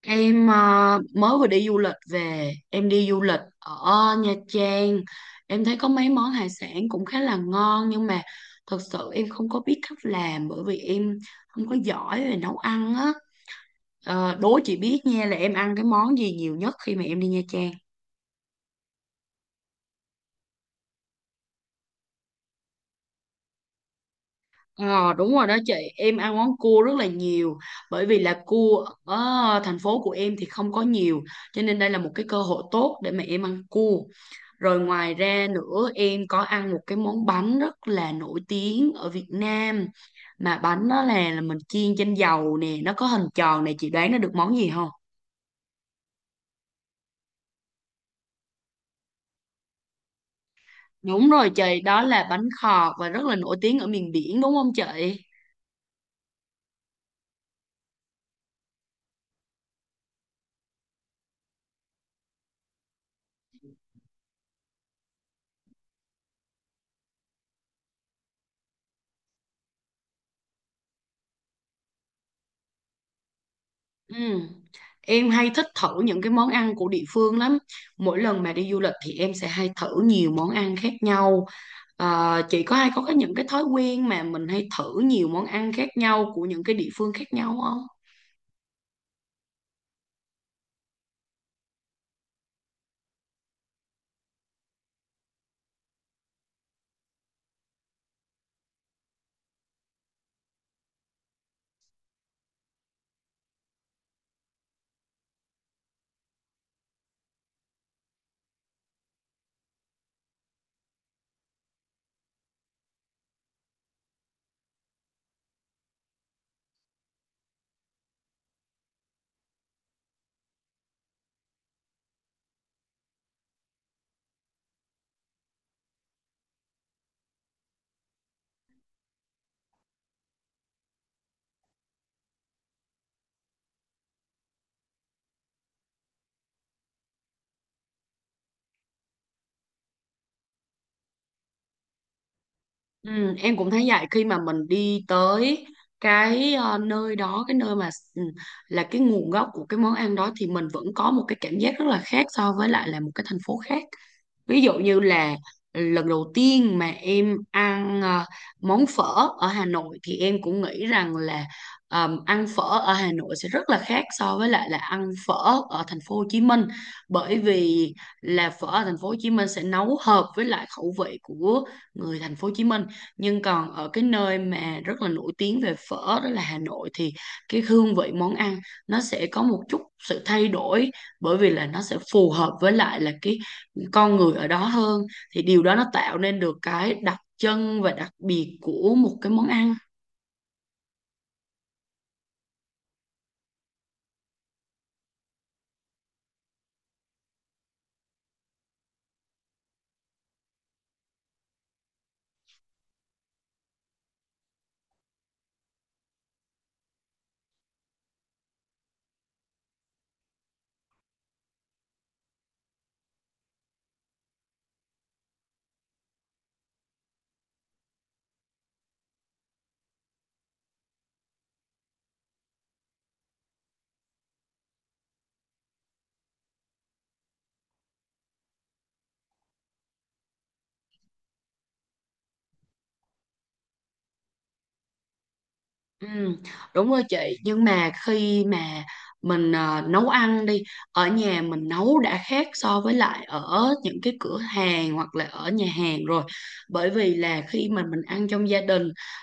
Em mới vừa đi du lịch về, em đi du lịch ở Nha Trang. Em thấy có mấy món hải sản cũng khá là ngon nhưng mà thật sự em không có biết cách làm bởi vì em không có giỏi về nấu ăn á. Đố chị biết nha là em ăn cái món gì nhiều nhất khi mà em đi Nha Trang. Ờ, đúng rồi đó chị, em ăn món cua rất là nhiều bởi vì là cua ở thành phố của em thì không có nhiều, cho nên đây là một cái cơ hội tốt để mà em ăn cua. Rồi ngoài ra nữa, em có ăn một cái món bánh rất là nổi tiếng ở Việt Nam, mà bánh đó là mình chiên trên dầu nè, nó có hình tròn, này chị đoán nó được món gì không? Đúng rồi chị, đó là bánh khọt và rất là nổi tiếng ở miền biển, đúng không chị? Ừ. Em hay thích thử những cái món ăn của địa phương lắm. Mỗi lần mà đi du lịch thì em sẽ hay thử nhiều món ăn khác nhau. Chị có hay có cái những cái thói quen mà mình hay thử nhiều món ăn khác nhau của những cái địa phương khác nhau không? Ừ, em cũng thấy vậy. Khi mà mình đi tới cái nơi đó, cái nơi mà là cái nguồn gốc của cái món ăn đó, thì mình vẫn có một cái cảm giác rất là khác so với lại là một cái thành phố khác. Ví dụ như là lần đầu tiên mà em ăn món phở ở Hà Nội, thì em cũng nghĩ rằng là ăn phở ở Hà Nội sẽ rất là khác so với lại là ăn phở ở thành phố Hồ Chí Minh, bởi vì là phở ở thành phố Hồ Chí Minh sẽ nấu hợp với lại khẩu vị của người thành phố Hồ Chí Minh, nhưng còn ở cái nơi mà rất là nổi tiếng về phở, đó là Hà Nội, thì cái hương vị món ăn nó sẽ có một chút sự thay đổi, bởi vì là nó sẽ phù hợp với lại là cái con người ở đó hơn, thì điều đó nó tạo nên được cái đặc trưng và đặc biệt của một cái món ăn. Ừ, đúng rồi chị. Nhưng mà khi mà mình nấu ăn đi, ở nhà mình nấu đã khác so với lại ở những cái cửa hàng hoặc là ở nhà hàng rồi, bởi vì là khi mà mình ăn trong gia đình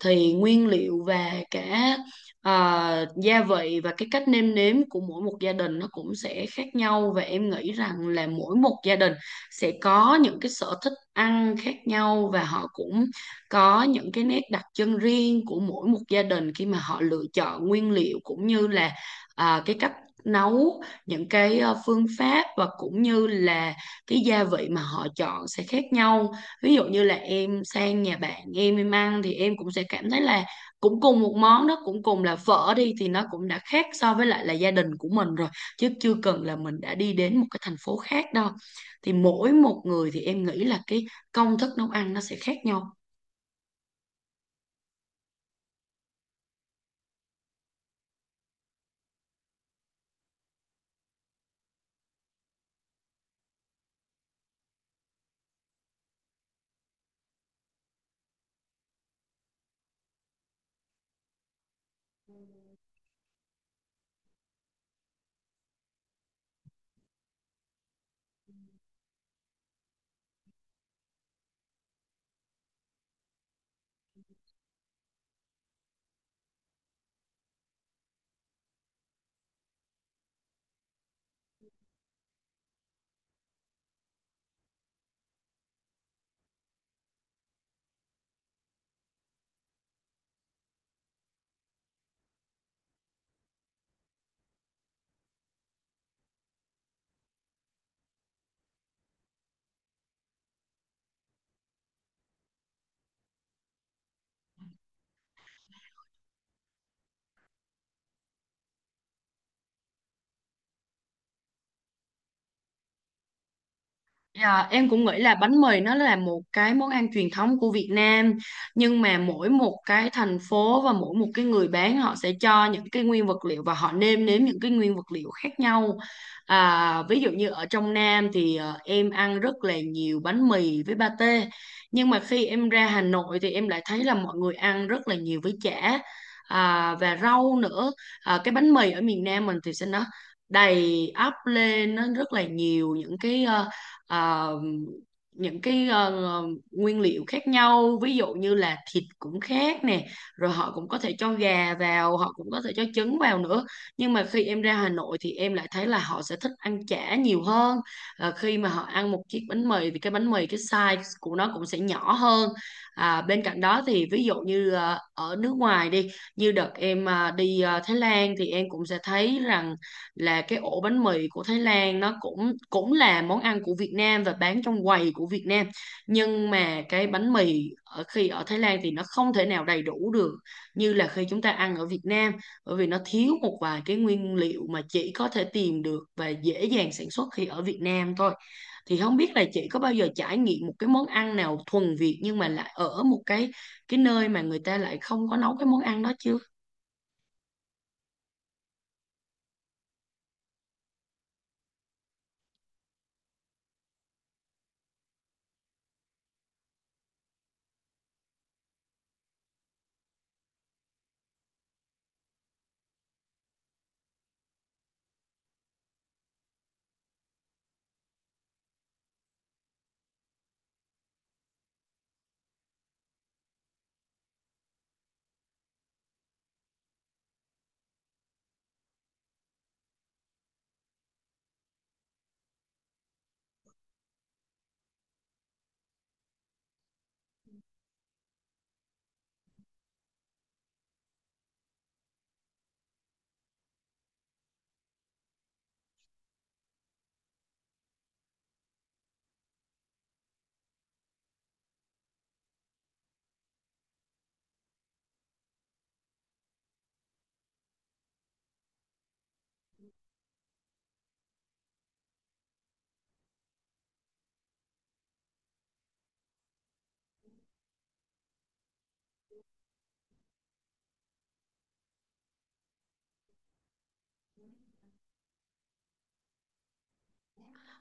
thì nguyên liệu và cả gia vị và cái cách nêm nếm của mỗi một gia đình nó cũng sẽ khác nhau, và em nghĩ rằng là mỗi một gia đình sẽ có những cái sở thích ăn khác nhau, và họ cũng có những cái nét đặc trưng riêng của mỗi một gia đình khi mà họ lựa chọn nguyên liệu cũng như là cái cách nấu, những cái phương pháp, và cũng như là cái gia vị mà họ chọn sẽ khác nhau. Ví dụ như là em sang nhà bạn em ăn thì em cũng sẽ cảm thấy là cũng cùng một món đó, cũng cùng là phở đi, thì nó cũng đã khác so với lại là gia đình của mình rồi, chứ chưa cần là mình đã đi đến một cái thành phố khác đâu. Thì mỗi một người thì em nghĩ là cái công thức nấu ăn nó sẽ khác nhau. À, em cũng nghĩ là bánh mì nó là một cái món ăn truyền thống của Việt Nam, nhưng mà mỗi một cái thành phố và mỗi một cái người bán họ sẽ cho những cái nguyên vật liệu và họ nêm nếm những cái nguyên vật liệu khác nhau. À, ví dụ như ở trong Nam thì em ăn rất là nhiều bánh mì với pate, nhưng mà khi em ra Hà Nội thì em lại thấy là mọi người ăn rất là nhiều với chả, à, và rau nữa. À, cái bánh mì ở miền Nam mình thì sẽ nó đầy ắp lên, nó rất là nhiều những cái ờ, những cái nguyên liệu khác nhau, ví dụ như là thịt cũng khác nè, rồi họ cũng có thể cho gà vào, họ cũng có thể cho trứng vào nữa. Nhưng mà khi em ra Hà Nội thì em lại thấy là họ sẽ thích ăn chả nhiều hơn. Ờ, khi mà họ ăn một chiếc bánh mì thì cái bánh mì, cái size của nó cũng sẽ nhỏ hơn. À, bên cạnh đó thì ví dụ như ở nước ngoài đi, như đợt em đi Thái Lan thì em cũng sẽ thấy rằng là cái ổ bánh mì của Thái Lan nó cũng cũng là món ăn của Việt Nam và bán trong quầy của Việt Nam, nhưng mà cái bánh mì ở khi ở Thái Lan thì nó không thể nào đầy đủ được như là khi chúng ta ăn ở Việt Nam, bởi vì nó thiếu một vài cái nguyên liệu mà chỉ có thể tìm được và dễ dàng sản xuất khi ở Việt Nam thôi. Thì không biết là chị có bao giờ trải nghiệm một cái món ăn nào thuần Việt nhưng mà lại ở một cái nơi mà người ta lại không có nấu cái món ăn đó chưa?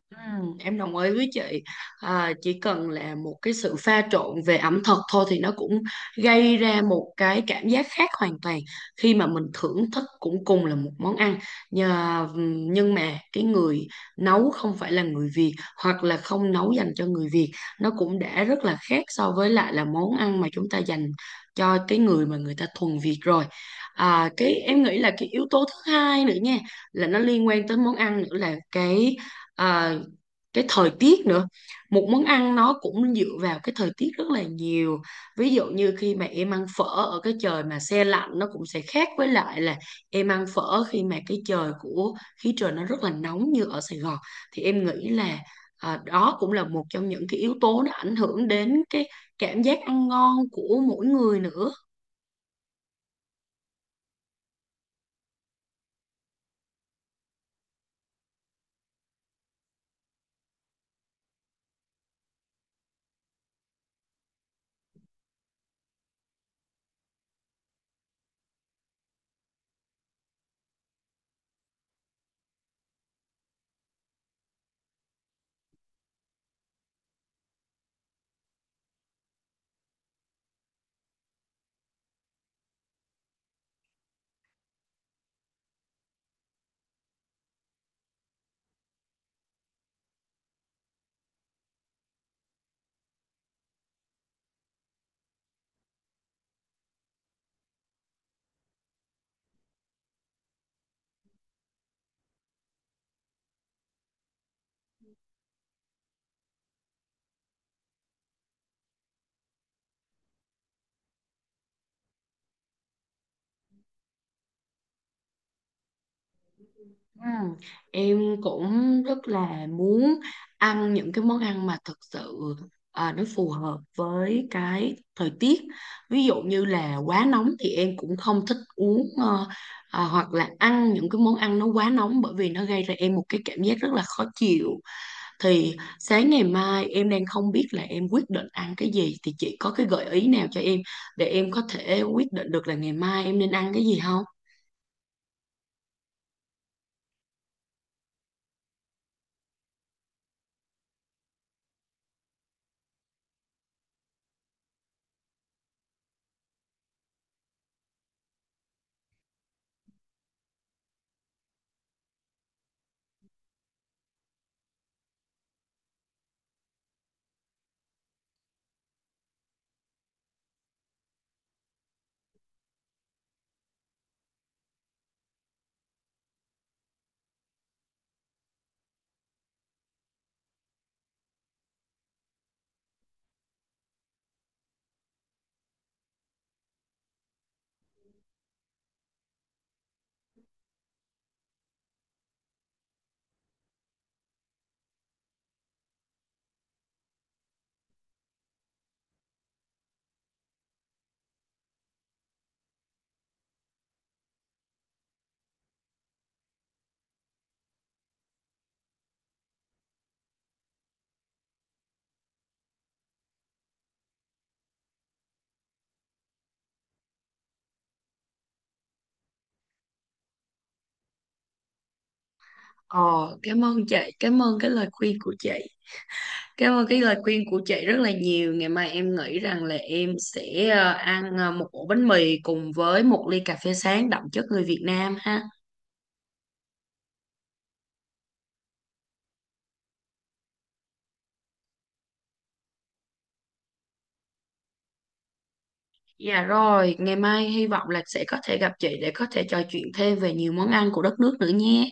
Em đồng ý với chị. À, chỉ cần là một cái sự pha trộn về ẩm thực thôi thì nó cũng gây ra một cái cảm giác khác hoàn toàn khi mà mình thưởng thức cũng cùng là một món ăn. Nhờ, nhưng mà cái người nấu không phải là người Việt, hoặc là không nấu dành cho người Việt, nó cũng đã rất là khác so với lại là món ăn mà chúng ta dành cho cái người mà người ta thuần Việt rồi. À, cái em nghĩ là cái yếu tố thứ hai nữa nha, là nó liên quan tới món ăn nữa, là à, cái thời tiết nữa. Một món ăn nó cũng dựa vào cái thời tiết rất là nhiều. Ví dụ như khi mà em ăn phở ở cái trời mà se lạnh, nó cũng sẽ khác với lại là em ăn phở khi mà cái trời của khí trời nó rất là nóng như ở Sài Gòn. Thì em nghĩ là đó cũng là một trong những cái yếu tố nó ảnh hưởng đến cái cảm giác ăn ngon của mỗi người nữa. Ừ. Em cũng rất là muốn ăn những cái món ăn mà thực sự nó phù hợp với cái thời tiết. Ví dụ như là quá nóng thì em cũng không thích uống hoặc là ăn những cái món ăn nó quá nóng, bởi vì nó gây ra em một cái cảm giác rất là khó chịu. Thì sáng ngày mai em đang không biết là em quyết định ăn cái gì, thì chị có cái gợi ý nào cho em để em có thể quyết định được là ngày mai em nên ăn cái gì không? Ờ, cảm ơn chị, cảm ơn cái lời khuyên của chị. Cảm ơn cái lời khuyên của chị rất là nhiều. Ngày mai em nghĩ rằng là em sẽ ăn một ổ bánh mì cùng với một ly cà phê sáng đậm chất người Việt Nam ha. Dạ rồi, ngày mai hy vọng là sẽ có thể gặp chị để có thể trò chuyện thêm về nhiều món ăn của đất nước nữa nhé.